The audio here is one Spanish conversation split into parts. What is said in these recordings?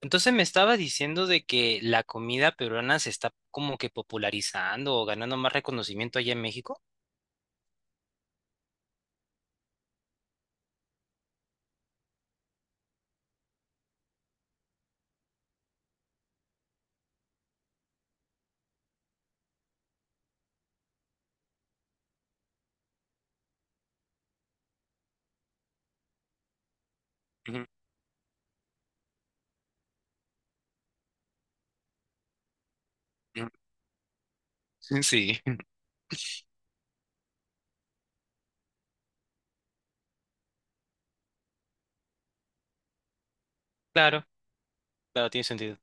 Entonces me estaba diciendo de que la comida peruana se está como que popularizando o ganando más reconocimiento allá en México. Ujú, ujú. Sí. Claro, claro, tiene sentido.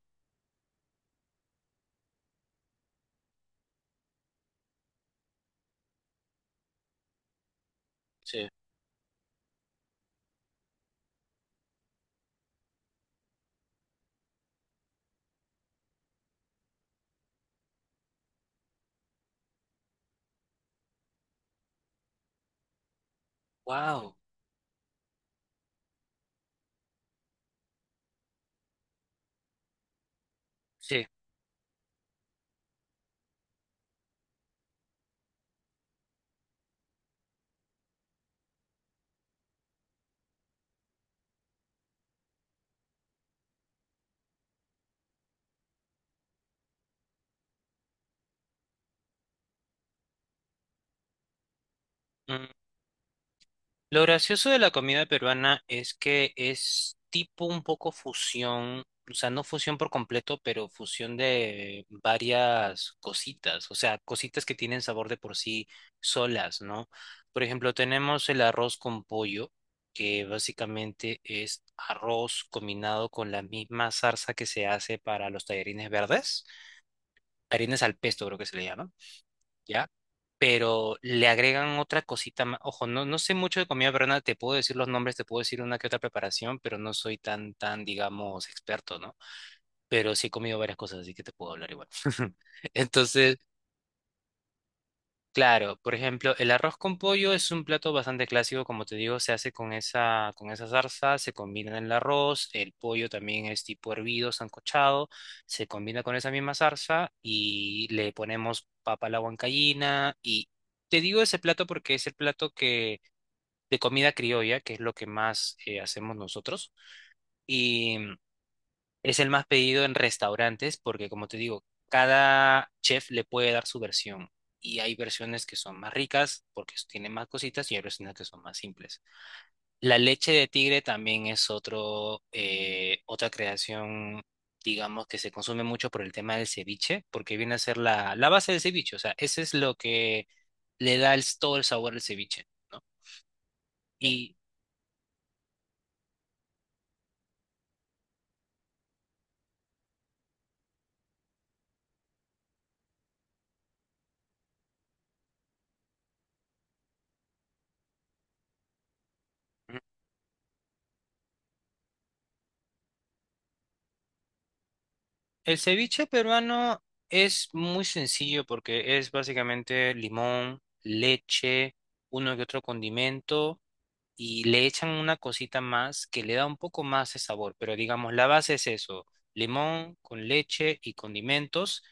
Sí. Wow. Sí. Lo gracioso de la comida peruana es que es tipo un poco fusión, o sea, no fusión por completo, pero fusión de varias cositas, o sea, cositas que tienen sabor de por sí solas, ¿no? Por ejemplo, tenemos el arroz con pollo, que básicamente es arroz combinado con la misma salsa que se hace para los tallarines verdes, tallarines al pesto creo que se le llama. ¿Ya? Pero le agregan otra cosita más. Ojo, no sé mucho de comida peruana, te puedo decir los nombres, te puedo decir una que otra preparación, pero no soy tan, digamos, experto, ¿no? Pero sí he comido varias cosas, así que te puedo hablar igual. Entonces, claro, por ejemplo, el arroz con pollo es un plato bastante clásico, como te digo, se hace con esa salsa, se combina en el arroz, el pollo también es tipo hervido, sancochado, se combina con esa misma salsa y le ponemos papa a la huancaína y te digo ese plato porque es el plato que de comida criolla, que es lo que más hacemos nosotros. Es el más pedido en restaurantes porque, como te digo, cada chef le puede dar su versión. Y hay versiones que son más ricas porque tienen más cositas y hay versiones que son más simples. La leche de tigre también es otro, otra creación, digamos, que se consume mucho por el tema del ceviche, porque viene a ser la base del ceviche. O sea, ese es lo que le da el todo el sabor al ceviche, ¿no? Sí. Y el ceviche peruano es muy sencillo porque es básicamente limón, leche, uno que otro condimento y le echan una cosita más que le da un poco más de sabor, pero digamos, la base es eso, limón con leche y condimentos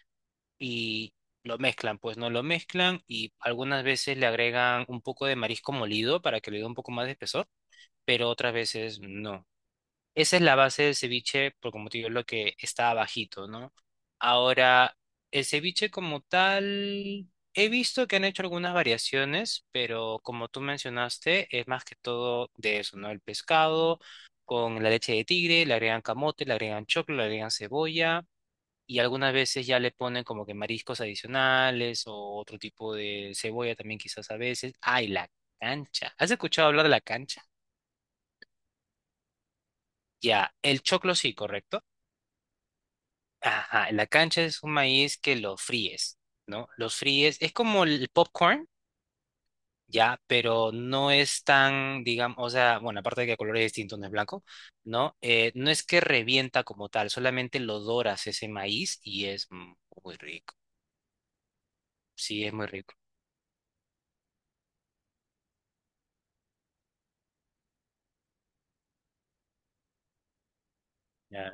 y lo mezclan, pues no lo mezclan y algunas veces le agregan un poco de marisco molido para que le dé un poco más de espesor, pero otras veces no. Esa es la base del ceviche, por como te digo, lo que está abajito, ¿no? Ahora, el ceviche como tal, he visto que han hecho algunas variaciones, pero como tú mencionaste, es más que todo de eso, ¿no? El pescado con la leche de tigre, le agregan camote, le agregan choclo, le agregan cebolla y algunas veces ya le ponen como que mariscos adicionales o otro tipo de cebolla también quizás a veces. ¡Ay, la cancha! ¿Has escuchado hablar de la cancha? Ya, el choclo sí, ¿correcto? Ajá, la cancha es un maíz que lo fríes, ¿no? Los fríes, es como el popcorn, ya, pero no es tan, digamos, o sea, bueno, aparte de que el color es distinto, no es blanco, ¿no? No es que revienta como tal, solamente lo doras ese maíz y es muy rico. Sí, es muy rico. Ya.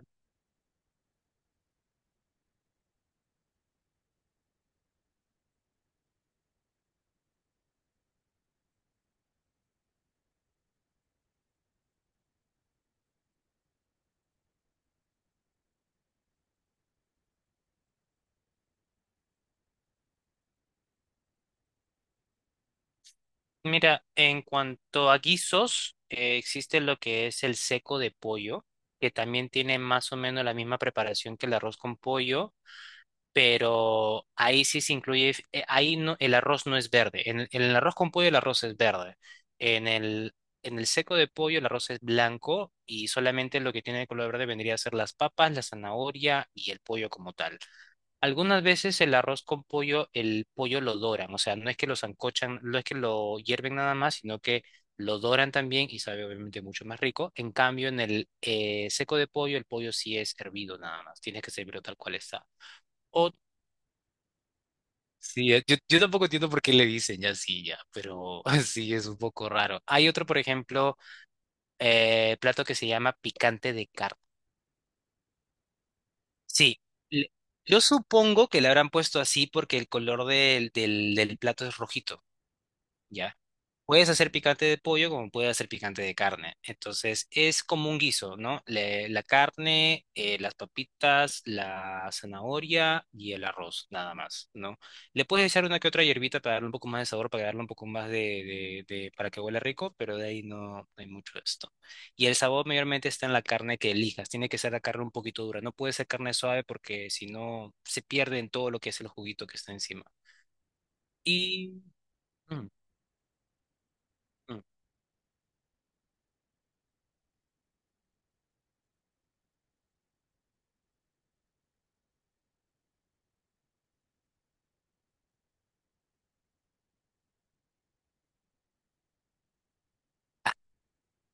Mira, en cuanto a guisos, existe lo que es el seco de pollo, que también tiene más o menos la misma preparación que el arroz con pollo pero ahí sí se incluye, ahí no, el arroz no es verde, en el arroz con pollo el arroz es verde, en el, en el seco de pollo el arroz es blanco y solamente lo que tiene de color verde vendría a ser las papas, la zanahoria y el pollo como tal. Algunas veces el arroz con pollo, el pollo lo doran, o sea, no es que lo sancochan, no es que lo hierven nada más, sino que lo doran también y sabe obviamente mucho más rico. En cambio, en el seco de pollo, el pollo sí es hervido nada más, tiene que servirlo tal cual está. O Sí, yo tampoco entiendo por qué le dicen ya así, ya, pero sí es un poco raro. Hay otro, por ejemplo, plato que se llama picante de carne. Sí, le- yo supongo que le habrán puesto así porque el color del plato es rojito. ¿Ya? Puedes hacer picante de pollo como puedes hacer picante de carne. Entonces es como un guiso, ¿no? La carne, las papitas, la zanahoria y el arroz, nada más, ¿no? Le puedes echar una que otra hierbita para darle un poco más de sabor, para darle un poco más para que huela rico, pero de ahí no, no hay mucho de esto. Y el sabor mayormente está en la carne que elijas. Tiene que ser la carne un poquito dura. No puede ser carne suave porque si no se pierde en todo lo que es el juguito que está encima. Y... mm,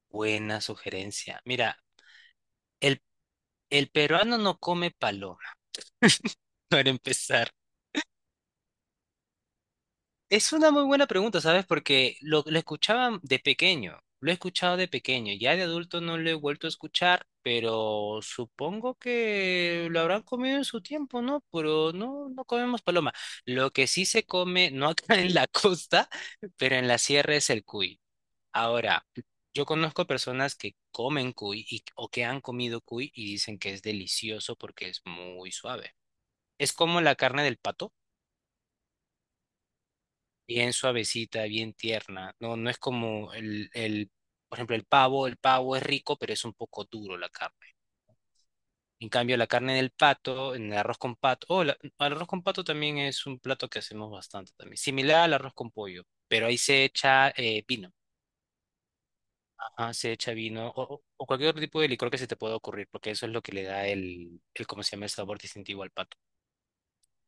buena sugerencia. Mira, el, el peruano no come paloma, para empezar. Es una muy buena pregunta, ¿sabes? Porque lo escuchaba de pequeño, lo he escuchado de pequeño, ya de adulto no lo he vuelto a escuchar, pero supongo que lo habrán comido en su tiempo, ¿no? Pero no, no comemos paloma. Lo que sí se come, no acá en la costa, pero en la sierra es el cuy. Ahora, yo conozco personas que comen o que han comido cuy y dicen que es delicioso porque es muy suave. Es como la carne del pato, bien suavecita, bien tierna. No, no es como por ejemplo, el pavo. El pavo es rico, pero es un poco duro la carne. En cambio, la carne del pato, en el arroz con pato, oh, el arroz con pato también es un plato que hacemos bastante también. Similar al arroz con pollo, pero ahí se echa vino. Ah, se echa vino o cualquier otro tipo de licor que se te pueda ocurrir, porque eso es lo que le da el ¿cómo se llama? El sabor distintivo al pato.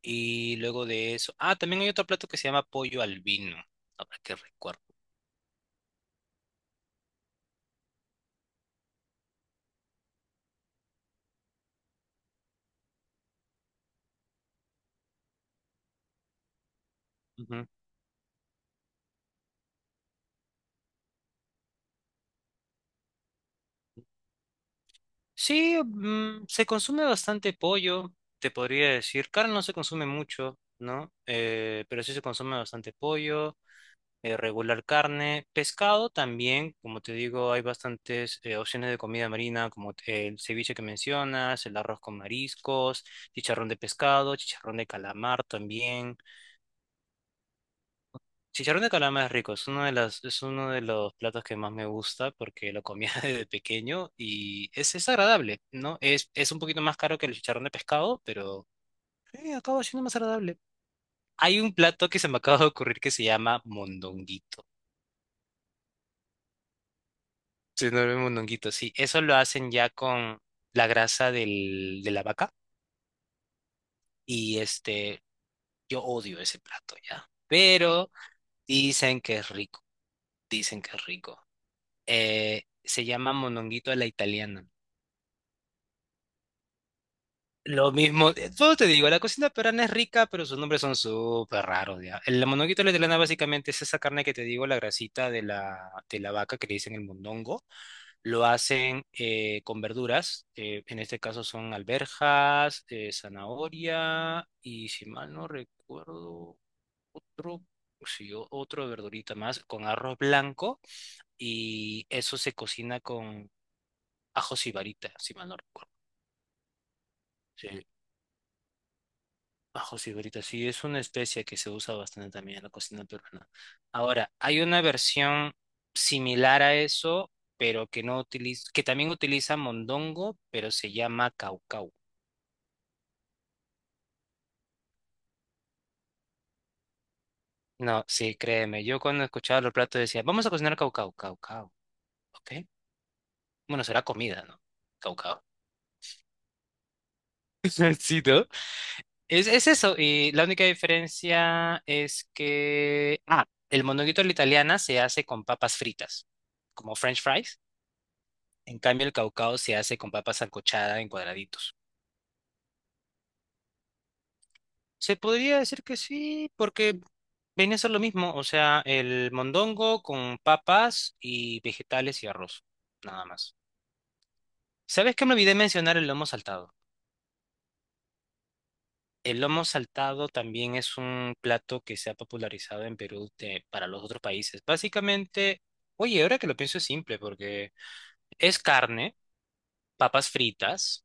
Y luego de eso, ah, también hay otro plato que se llama pollo al vino, ahora que recuerdo. Ujú. Sí, mm, se consume bastante pollo, te podría decir. Carne no se consume mucho, ¿no? Pero sí se consume bastante pollo. Regular carne, pescado también, como te digo, hay bastantes opciones de comida marina, como el ceviche que mencionas, el arroz con mariscos, chicharrón de pescado, chicharrón de calamar también. Chicharrón de calamar es rico, es uno de los platos que más me gusta porque lo comía desde pequeño y es agradable, ¿no? Es un poquito más caro que el chicharrón de pescado, pero acaba siendo más agradable. Hay un plato que se me acaba de ocurrir que se llama mondonguito. Se duerme mondonguito, sí. Eso lo hacen ya con la grasa de la vaca. Y este, yo odio ese plato ya. Pero dicen que es rico. Dicen que es rico. Se llama mondonguito a la italiana. Lo mismo, todo te digo, la cocina peruana es rica, pero sus nombres son súper raros, ya. El monoguito a la italiana básicamente es esa carne que te digo, la grasita de la vaca que le dicen el mondongo. Lo hacen con verduras, en este caso son alberjas, zanahoria y si mal no recuerdo, otro, sí, otro verdurita más con arroz blanco y eso se cocina con ajo sibarita, si mal no recuerdo. Sí. Ajo cigarrita, sí, es una especia que se usa bastante también en la cocina peruana. Ahora, hay una versión similar a eso, pero que no utiliza, que también utiliza mondongo, pero se llama caucau. No, sí, créeme, yo cuando escuchaba los platos decía, vamos a cocinar caucau, caucau, ¿ok? Bueno, será comida, ¿no? Caucau. Sí, ¿no? Es eso, y la única diferencia es que, ah, el mondonguito a la italiana se hace con papas fritas, como French fries. En cambio, el caucao se hace con papa sancochada en cuadraditos. Se podría decir que sí, porque viene a ser lo mismo, o sea, el mondongo con papas y vegetales y arroz, nada más. ¿Sabes qué me olvidé mencionar el lomo saltado? El lomo saltado también es un plato que se ha popularizado en Perú para los otros países. Básicamente, oye, ahora que lo pienso es simple, porque es carne, papas fritas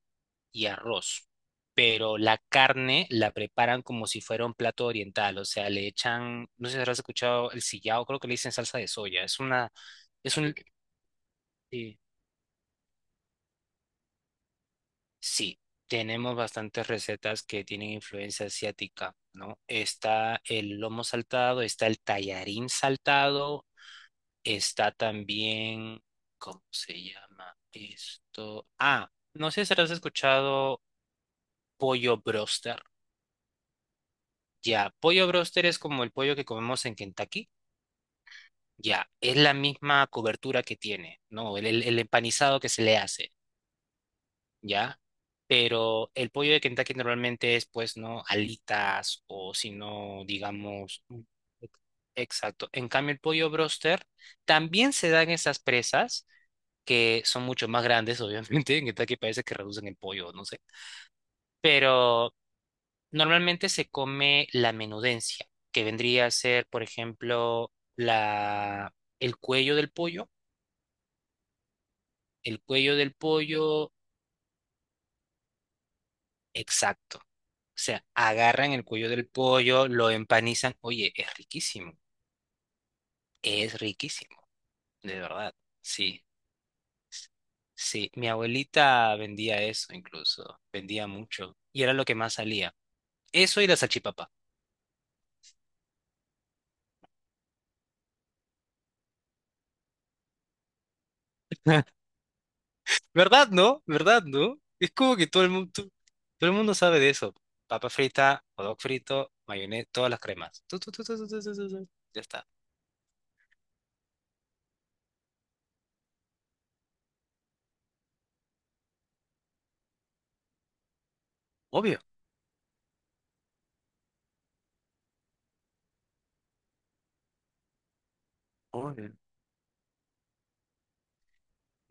y arroz. Pero la carne la preparan como si fuera un plato oriental, o sea, le echan, no sé si habrás escuchado el sillao, creo que le dicen salsa de soya. Es una, es un, eh, sí, tenemos bastantes recetas que tienen influencia asiática, ¿no? Está el lomo saltado, está el tallarín saltado, está también, ¿cómo se llama esto? Ah, no sé si habrás escuchado pollo broster. Ya, pollo broster es como el pollo que comemos en Kentucky. Ya, es la misma cobertura que tiene, ¿no? El empanizado que se le hace, ¿ya? Pero el pollo de Kentucky normalmente es, pues, ¿no? Alitas o si no, digamos... mm, ex- Exacto. En cambio, el pollo broster también se dan esas presas que son mucho más grandes, obviamente. En Kentucky parece que reducen el pollo, no sé. Pero normalmente se come la menudencia, que vendría a ser, por ejemplo, el cuello del pollo. El cuello del pollo, exacto. O sea, agarran el cuello del pollo, lo empanizan. Oye, es riquísimo, de verdad. Sí, sí. Mi abuelita vendía eso incluso, vendía mucho. Y era lo que más salía. Eso y la salchipapa. ¿Verdad, no? ¿Verdad, no? Es como que todo el mundo sabe de eso. Papa frita, hot dog frito, mayonesa, todas las cremas. Tu, tu, tu, tu, tu, tu, tu, tu, tu. Ya está. Obvio. Obvio.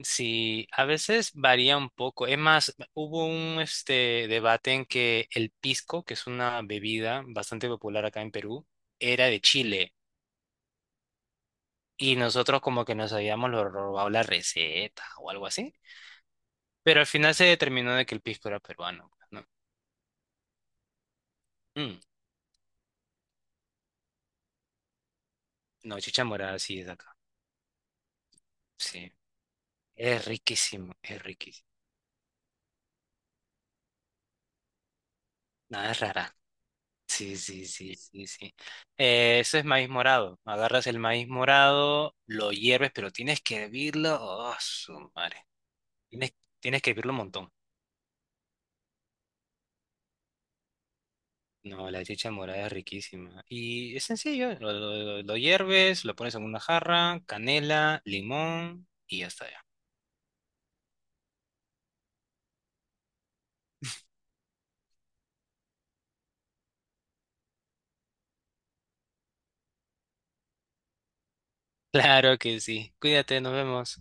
Sí, a veces varía un poco. Es más, hubo un este debate en que el pisco, que es una bebida bastante popular acá en Perú, era de Chile y nosotros como que nos habíamos lo robado la receta o algo así. Pero al final se determinó de que el pisco era peruano, ¿no? Mm, no, chicha morada sí es de acá. Sí, es riquísimo, es riquísimo. Nada, es rara. Sí, sí, sí, sí, sí. Eso es maíz morado. Agarras el maíz morado, lo hierves, pero tienes que hervirlo. Oh, su madre. Tienes, Tienes que hervirlo un montón. No, la chicha morada es riquísima. Y es sencillo, lo hierves, lo pones en una jarra, canela, limón y ya está ya. Claro que sí. Cuídate, nos vemos.